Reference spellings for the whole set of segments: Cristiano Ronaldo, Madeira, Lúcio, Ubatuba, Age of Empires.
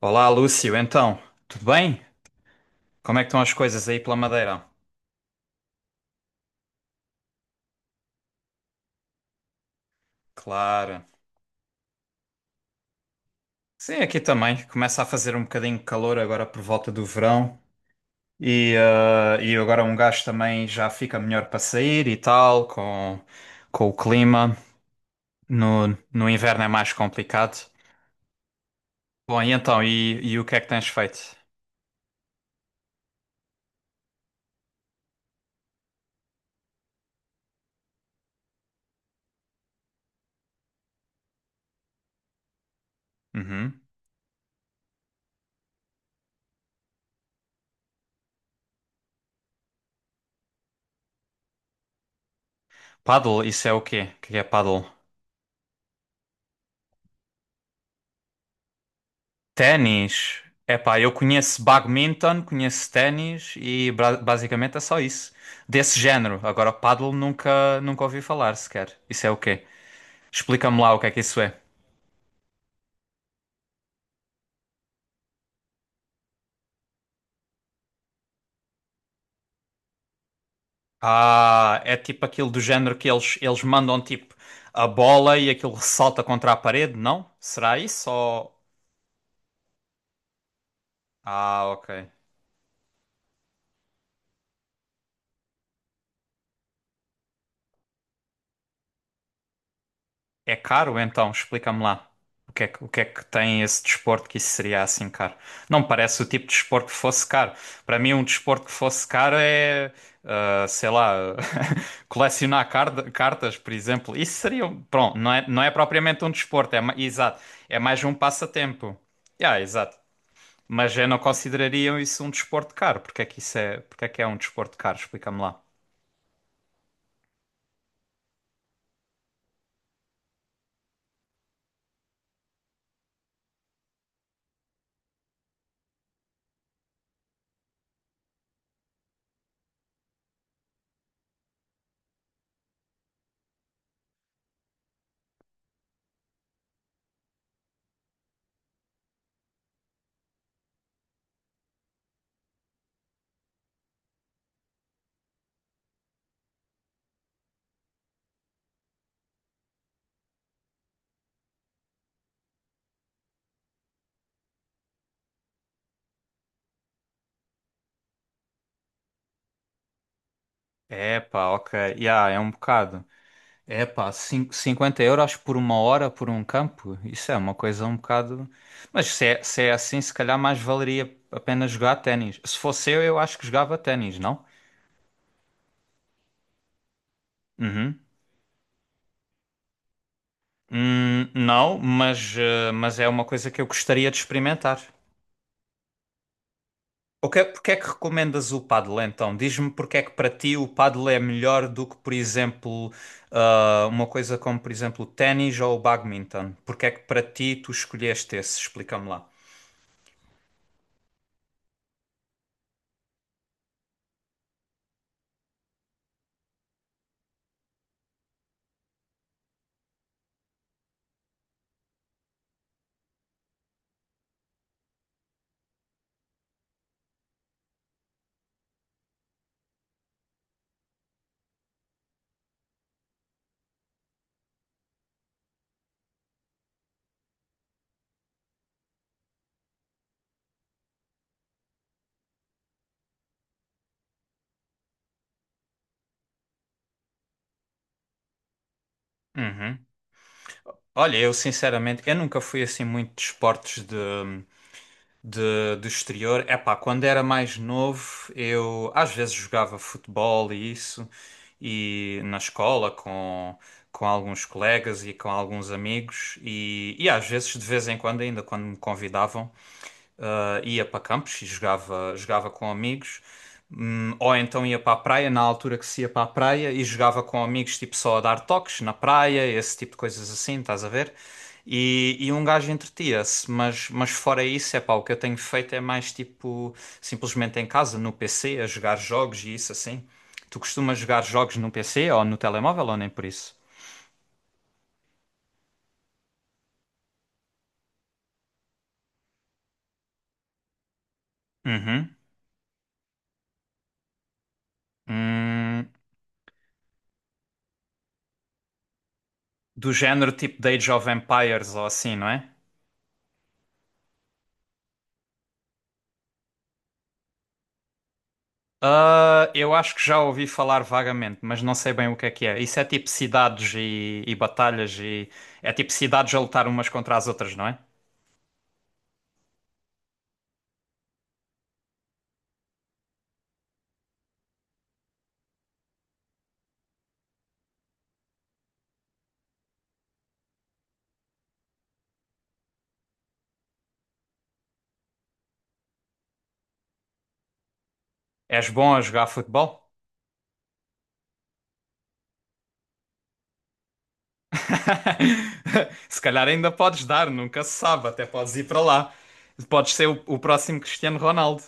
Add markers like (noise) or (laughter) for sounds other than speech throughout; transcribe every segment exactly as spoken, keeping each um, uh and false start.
Olá, Lúcio. Então, tudo bem? Como é que estão as coisas aí pela Madeira? Claro. Sim, aqui também. Começa a fazer um bocadinho de calor agora por volta do verão. E, eh, e agora um gajo também já fica melhor para sair e tal, com, com o clima. No, no inverno é mais complicado. Bom, e então, e, e o que é que tens feito? Uhum. Paddle, isso é o quê? O que é paddle? Ténis. Epá, eu conheço badminton, conheço ténis e bra- basicamente é só isso. Desse género. Agora, paddle nunca, nunca ouvi falar sequer. Isso é o quê? Explica-me lá o que é que isso é. Ah, é tipo aquilo do género que eles, eles mandam tipo a bola e aquilo ressalta contra a parede, não? Será isso? Ou... Ah, ok. É caro então? Explica-me lá. O que é que, o que é que tem esse desporto que isso seria assim caro? Não me parece o tipo de desporto que fosse caro. Para mim, um desporto que fosse caro é, ah, sei lá, (laughs) colecionar carda- cartas, por exemplo. Isso seria, um- pronto, não é, não é propriamente um desporto, é, ma- exato, é mais um passatempo. Yeah, exato. Mas eu não consideraria isso um desporto caro. Porque é que isso é, porque é que é um desporto caro? Explica-me lá. Epá, ok. Yeah, é um bocado. É pá, cin- cinquenta euros por uma hora por um campo? Isso é uma coisa um bocado. Mas se é, se é assim, se calhar mais valeria a pena jogar ténis. Se fosse eu, eu acho que jogava ténis, não? Uhum. Hum, não, mas, eh, mas é uma coisa que eu gostaria de experimentar. O que, é- porque é que recomendas o paddle então? Diz-me porque é que para ti o paddle é melhor do que, por exemplo, ah, uma coisa como, por exemplo, o ténis ou o badminton? Porque é que para ti tu escolheste esse? Explica-me lá. Uhum. Olha, eu sinceramente, eu nunca fui assim muito de esportes de, de, do exterior. Epá, quando era mais novo, eu às vezes jogava futebol e isso, e na escola com, com alguns colegas e com alguns amigos, e, e às vezes, de vez em quando, ainda quando me convidavam ah, ia para campos e jogava, jogava com amigos. Hum, ou então ia para a praia, na altura que se ia para a praia, e jogava com amigos, tipo só a dar toques na praia, esse tipo de coisas assim, estás a ver? E, e um gajo entretia-se, mas, mas fora isso, é pá, o que eu tenho feito é mais tipo, simplesmente em casa, no P C, a jogar jogos e isso assim. Tu costumas jogar jogos no P C ou no telemóvel ou nem por isso? Uhum. Hum, do género tipo de Age of Empires ou assim, não é? Ah, eu acho que já ouvi falar vagamente, mas não sei bem o que é que é. Isso é tipo cidades e, e batalhas e é tipo cidades a lutar umas contra as outras, não é? És bom a jogar futebol? (laughs) Se calhar ainda podes dar, nunca se sabe, até podes ir para lá. Podes ser o, o próximo Cristiano Ronaldo.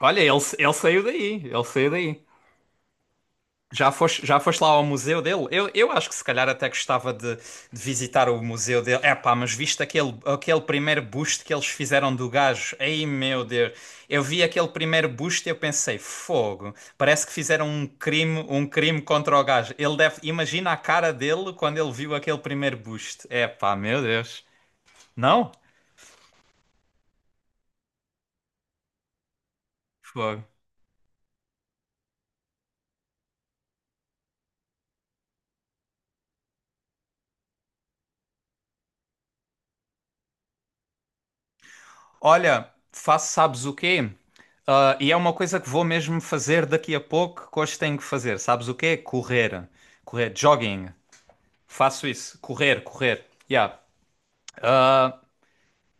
Olha, ele, ele saiu daí, ele saiu daí. Já foste, já foste lá ao museu dele? Eu, eu acho que se calhar até gostava de, de visitar o museu dele. É pá, mas viste aquele, aquele primeiro busto que eles fizeram do gajo? Ei meu Deus! Eu vi aquele primeiro busto e eu pensei, fogo! Parece que fizeram um crime, um crime contra o gajo. Ele deve, imagina a cara dele quando ele viu aquele primeiro busto. É pá, meu Deus! Não? Fogo. Olha, faço sabes o quê? Ah, e é uma coisa que vou mesmo fazer daqui a pouco, que hoje tenho que fazer. Sabes o quê? Correr. Correr, jogging. Faço isso. Correr, correr. Yeah. Ah,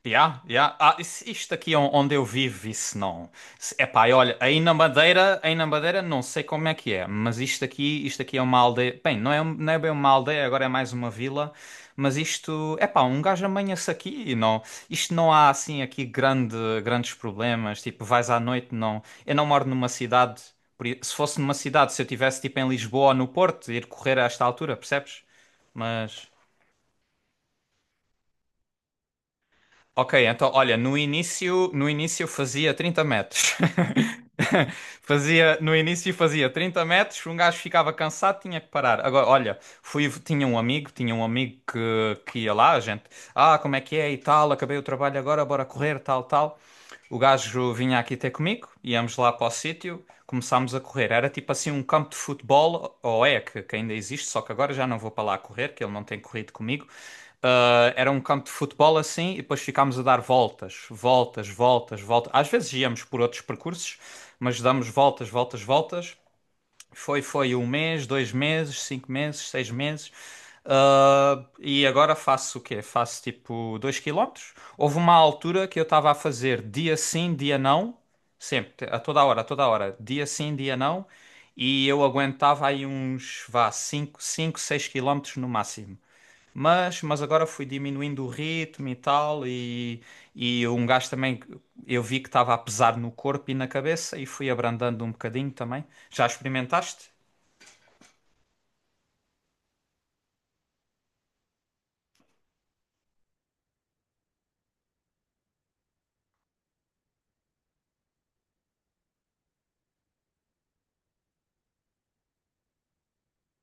yeah, yeah. Ah, isso- isto aqui on- onde eu vivo, isso não. Se- Epá, e olha, aí na Madeira, aí na Madeira não sei como é que é, mas isto aqui, isto aqui é uma aldeia. Bem, não é, um- não é bem uma aldeia, agora é mais uma vila, mas isto, epá, um gajo amanha-se aqui e não. Isto não há assim aqui grande, grandes problemas, tipo, vais à noite, não. Eu não moro numa cidade, por i- se fosse numa cidade, se eu tivesse tipo em Lisboa ou no Porto, ir correr a esta altura, percebes? Mas. Ok, então olha, no início, no início fazia trinta metros. (laughs) Fazia, no início fazia trinta metros, um gajo ficava cansado, tinha que parar. Agora, olha, fui, tinha um amigo, tinha um amigo que, que ia lá, a gente, ah, como é que é e tal, acabei o trabalho agora, bora correr, tal, tal. O gajo vinha aqui ter comigo, íamos lá para o sítio, começámos a correr. Era tipo assim um campo de futebol, ou é, que, que ainda existe, só que agora já não vou para lá correr, que ele não tem corrido comigo. Ah, era um campo de futebol assim, e depois ficámos a dar voltas, voltas, voltas, voltas. Às vezes íamos por outros percursos, mas damos voltas, voltas, voltas. Foi, foi um mês, dois meses, cinco meses, seis meses. Ah, e agora faço o quê? Faço tipo dois quilómetros. Houve uma altura que eu estava a fazer dia sim, dia não, sempre, a toda hora, a toda hora, dia sim, dia não, e eu aguentava aí uns, vá, cinco cinco seis quilómetros no máximo. Mas, mas agora fui diminuindo o ritmo e tal, e, e um gajo também, que eu vi que estava a pesar no corpo e na cabeça, e fui abrandando um bocadinho também. Já experimentaste?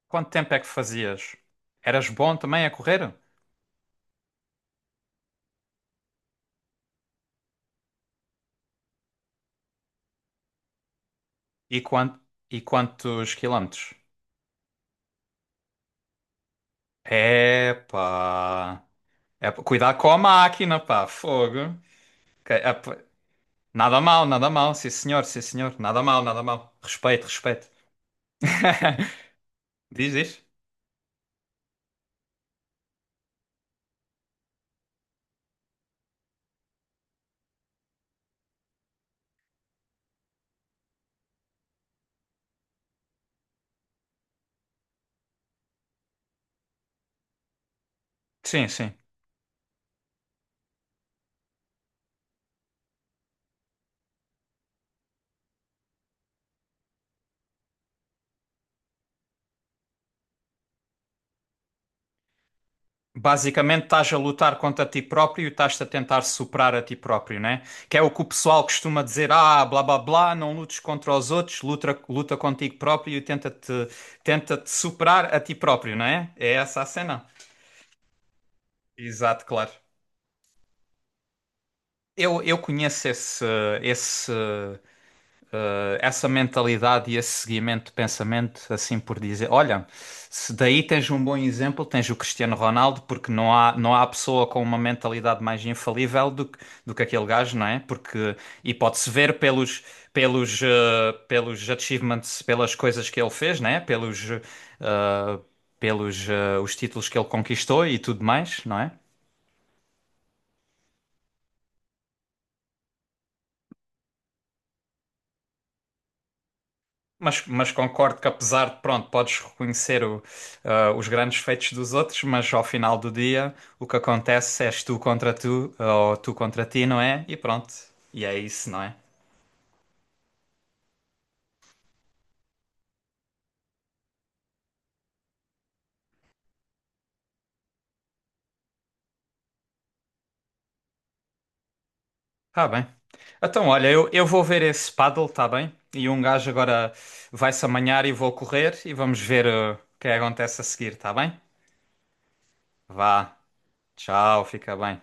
Quanto tempo é que fazias? Eras bom também a correr? E, quan- e quantos quilómetros? Epá! Epá, cuidado com a máquina, pá, fogo! Que- epá, Nada mal, nada mal, sim senhor, sim senhor, nada mal, nada mal. Respeito, respeito. (laughs) Diz, diz? Sim, sim. Basicamente, estás a lutar contra ti próprio e estás-te a tentar superar a ti próprio, né? Que é o que o pessoal costuma dizer: ah, blá blá blá, não lutes contra os outros, luta, luta contigo próprio e tenta-te tenta-te superar a ti próprio, não é? É essa a cena. Exato, claro. Eu, eu conheço esse, esse eh, essa mentalidade e esse seguimento de pensamento, assim por dizer. Olha, se daí tens um bom exemplo, tens o Cristiano Ronaldo, porque não há, não há pessoa com uma mentalidade mais infalível do que, do que aquele gajo, não é? Porque, e pode-se ver pelos, pelos, eh, pelos achievements, pelas coisas que ele fez, não é? Pelos, eh, pelos eh, os títulos que ele conquistou e tudo mais, não é? Mas, mas concordo que apesar de, pronto, podes reconhecer o, ah, os grandes feitos dos outros, mas ao final do dia o que acontece és tu contra tu, ou tu contra ti, não é? E pronto, e é isso, não é? Tá bem. Então, olha, eu, eu vou ver esse paddle, tá bem? E um gajo agora vai-se amanhar e vou correr e vamos ver ah, o que é que acontece a seguir, tá bem? Vá, tchau, fica bem.